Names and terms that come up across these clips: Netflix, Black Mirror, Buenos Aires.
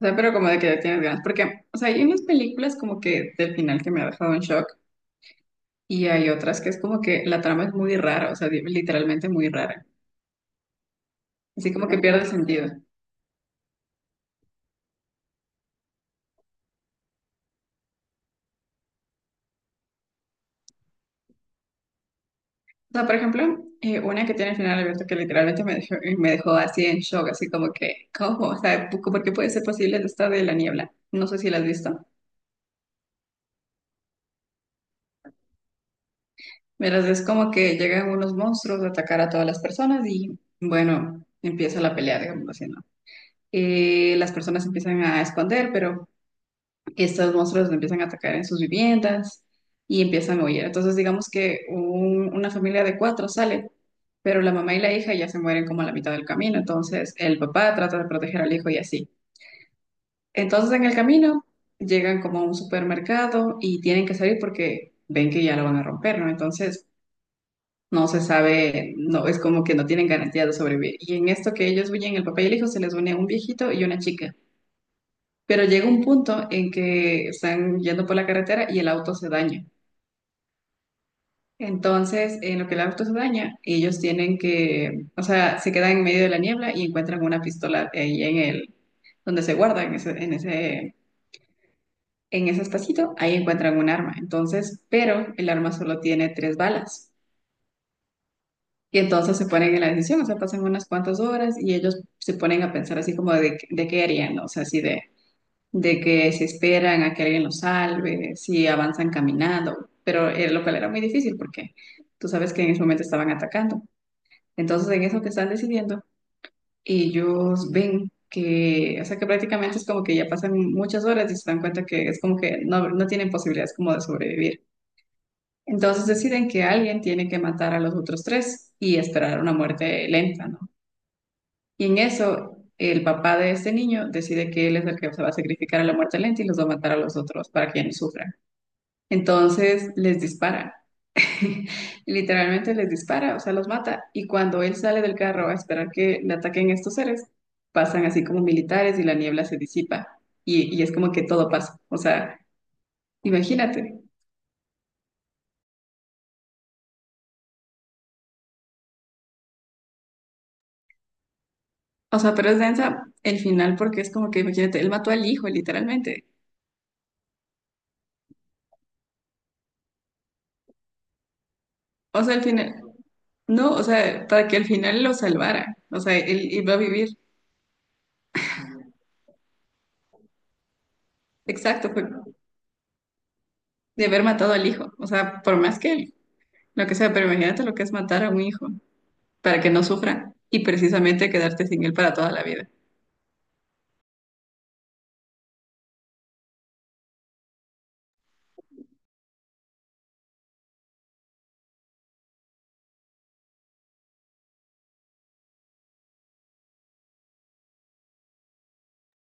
O sea, pero como de que ya tienes ganas. Porque, o sea, hay unas películas como que del final que me ha dejado en shock y hay otras que es como que la trama es muy rara, o sea, literalmente muy rara. Así como que pierde sentido. O sea, por ejemplo, una que tiene el final abierto que literalmente me dejó así en shock, así como que, ¿cómo? O sea, ¿por qué puede ser posible esta de la niebla? No sé si la has visto. Verás, es como que llegan unos monstruos a atacar a todas las personas y, bueno, empieza la pelea, digamos así, ¿no? Las personas empiezan a esconder, pero estos monstruos lo empiezan a atacar en sus viviendas y empiezan a huir. Entonces, digamos que una familia de cuatro sale, pero la mamá y la hija ya se mueren como a la mitad del camino. Entonces, el papá trata de proteger al hijo y así. Entonces, en el camino llegan como a un supermercado y tienen que salir porque ven que ya lo van a romper, ¿no? Entonces, no se sabe, no, es como que no tienen garantía de sobrevivir. Y en esto que ellos huyen, el papá y el hijo se les une un viejito y una chica. Pero llega un punto en que están yendo por la carretera y el auto se daña. Entonces, en lo que el auto se daña, ellos tienen que, o sea, se quedan en medio de la niebla y encuentran una pistola ahí en el, donde se guarda, en ese espacito, ahí encuentran un arma. Entonces, pero el arma solo tiene tres balas. Y entonces se ponen en la decisión, o sea, pasan unas cuantas horas y ellos se ponen a pensar así como de qué harían, ¿no? O sea, así de que si esperan a que alguien los salve, si avanzan caminando, pero lo cual era muy difícil porque tú sabes que en ese momento estaban atacando. Entonces, en eso que están decidiendo, ellos ven que, o sea, que prácticamente es como que ya pasan muchas horas y se dan cuenta que es como que no, no tienen posibilidades como de sobrevivir. Entonces deciden que alguien tiene que matar a los otros tres y esperar una muerte lenta, ¿no? Y en eso, el papá de este niño decide que él es el que se va a sacrificar a la muerte lenta y los va a matar a los otros para que ya no sufran. Entonces les dispara, literalmente les dispara, o sea, los mata. Y cuando él sale del carro a esperar que le ataquen estos seres, pasan así como militares y la niebla se disipa. Y es como que todo pasa. O sea, imagínate. O sea, pero es densa el final porque es como que, imagínate, él mató al hijo, literalmente. O sea, al final, no, o sea, para que al final lo salvara. O sea, él iba a vivir. Exacto, fue de haber matado al hijo. O sea, por más que él, lo que sea, pero imagínate lo que es matar a un hijo para que no sufra y precisamente quedarte sin él para toda la vida.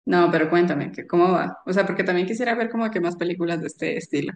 No, pero cuéntame, que cómo va? O sea, porque también quisiera ver como que más películas de este estilo.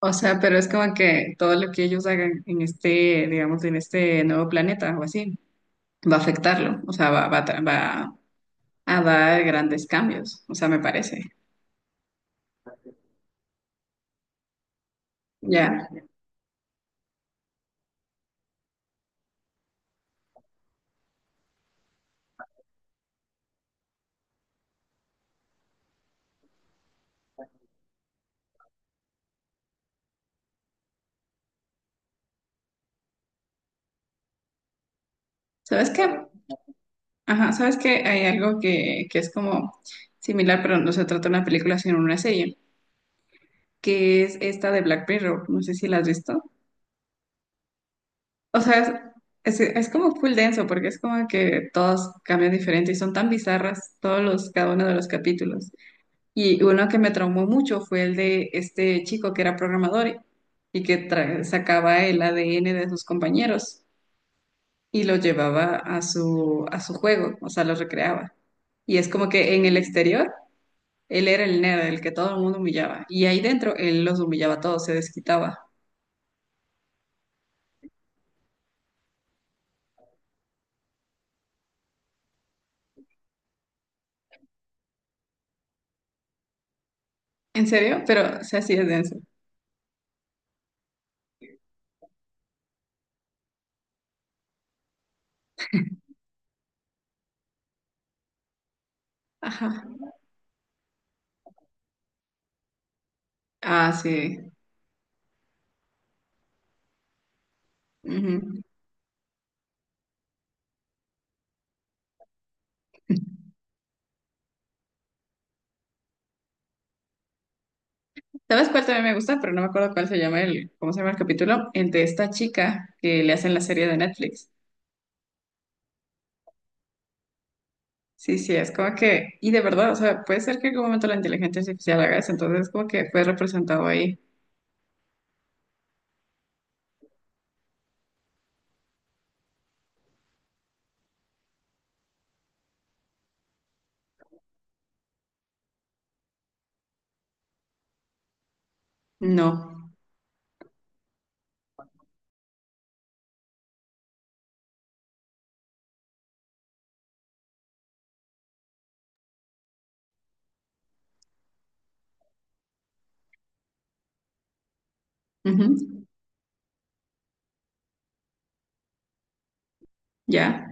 O sea, pero es como que todo lo que ellos hagan en este, digamos, en este nuevo planeta o así, va a afectarlo. O sea, va a dar grandes cambios. O sea, me parece. Ya. ¿Sabes qué? Ajá, ¿sabes qué? Hay algo que es como similar, pero no se trata de una película, sino una serie, que es esta de Black Mirror. No sé si la has visto. O sea, es como full denso porque es como que todos cambian diferente y son tan bizarras todos los, cada uno de los capítulos. Y uno que me traumó mucho fue el de este chico que era programador y que sacaba el ADN de sus compañeros y lo llevaba a su juego, o sea, lo recreaba. Y es como que en el exterior él era el nerd, el que todo el mundo humillaba. Y ahí dentro él los humillaba a todos, se desquitaba. ¿En serio? Pero, o sea, sí es denso. Ajá. Ah, sí. Ujú. ¿Sabes cuál también me gusta? Pero no me acuerdo cuál se llama el, ¿cómo se llama el capítulo? El de esta chica que le hacen la serie de Netflix. Sí, sí, es como que, y de verdad, o sea, puede ser que en algún momento la inteligencia artificial haga eso, entonces como que fue representado ahí. No. Ujú. Ya,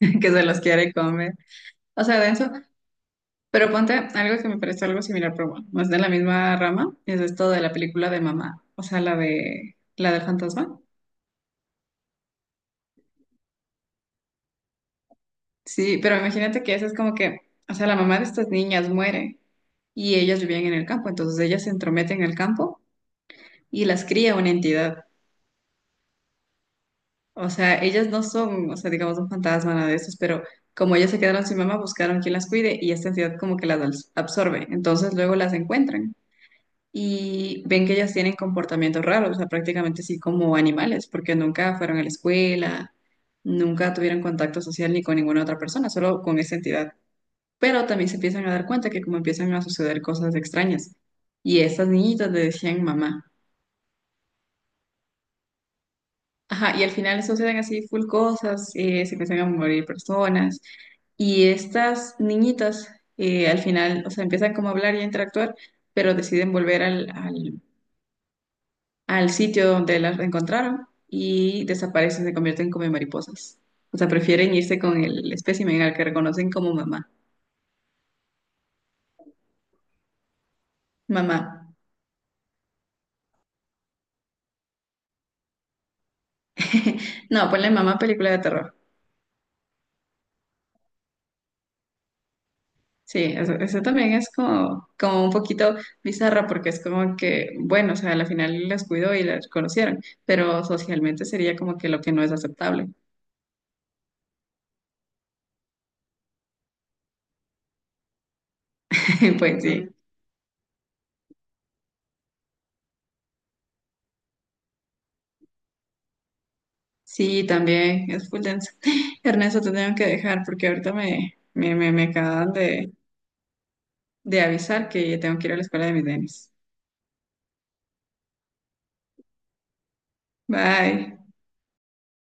que se los quiere comer. O sea, denso. Pero ponte algo que me parece algo similar, pero bueno, no de la misma rama, es esto de la película de mamá, o sea, la del fantasma. Sí, pero imagínate que esa es como que, o sea, la mamá de estas niñas muere. Y ellas vivían en el campo, entonces ellas se entrometen en el campo y las cría una entidad. O sea, ellas no son, o sea, digamos, un fantasma, nada de esos, pero como ellas se quedaron sin mamá, buscaron quien las cuide y esta entidad como que las absorbe. Entonces luego las encuentran y ven que ellas tienen comportamientos raros, o sea, prácticamente sí como animales, porque nunca fueron a la escuela, nunca tuvieron contacto social ni con ninguna otra persona, solo con esa entidad. Pero también se empiezan a dar cuenta que como empiezan a suceder cosas extrañas. Y estas niñitas le decían mamá. Ajá, y al final suceden así full cosas, se empiezan a morir personas y estas niñitas al final, o sea, empiezan como a hablar y a interactuar, pero deciden volver al sitio donde las encontraron y desaparecen, se convierten como en mariposas. O sea, prefieren irse con el espécimen al que reconocen como mamá. Mamá. No, ponle mamá película de terror. Sí, eso también es como, como un poquito bizarra porque es como que, bueno, o sea, a la final las cuidó y las conocieron, pero socialmente sería como que lo que no es aceptable. Pues sí, sí, también es full denso. Ernesto, te tengo que dejar porque ahorita me acaban de avisar que tengo que ir a la escuela de mis nenes. Bye.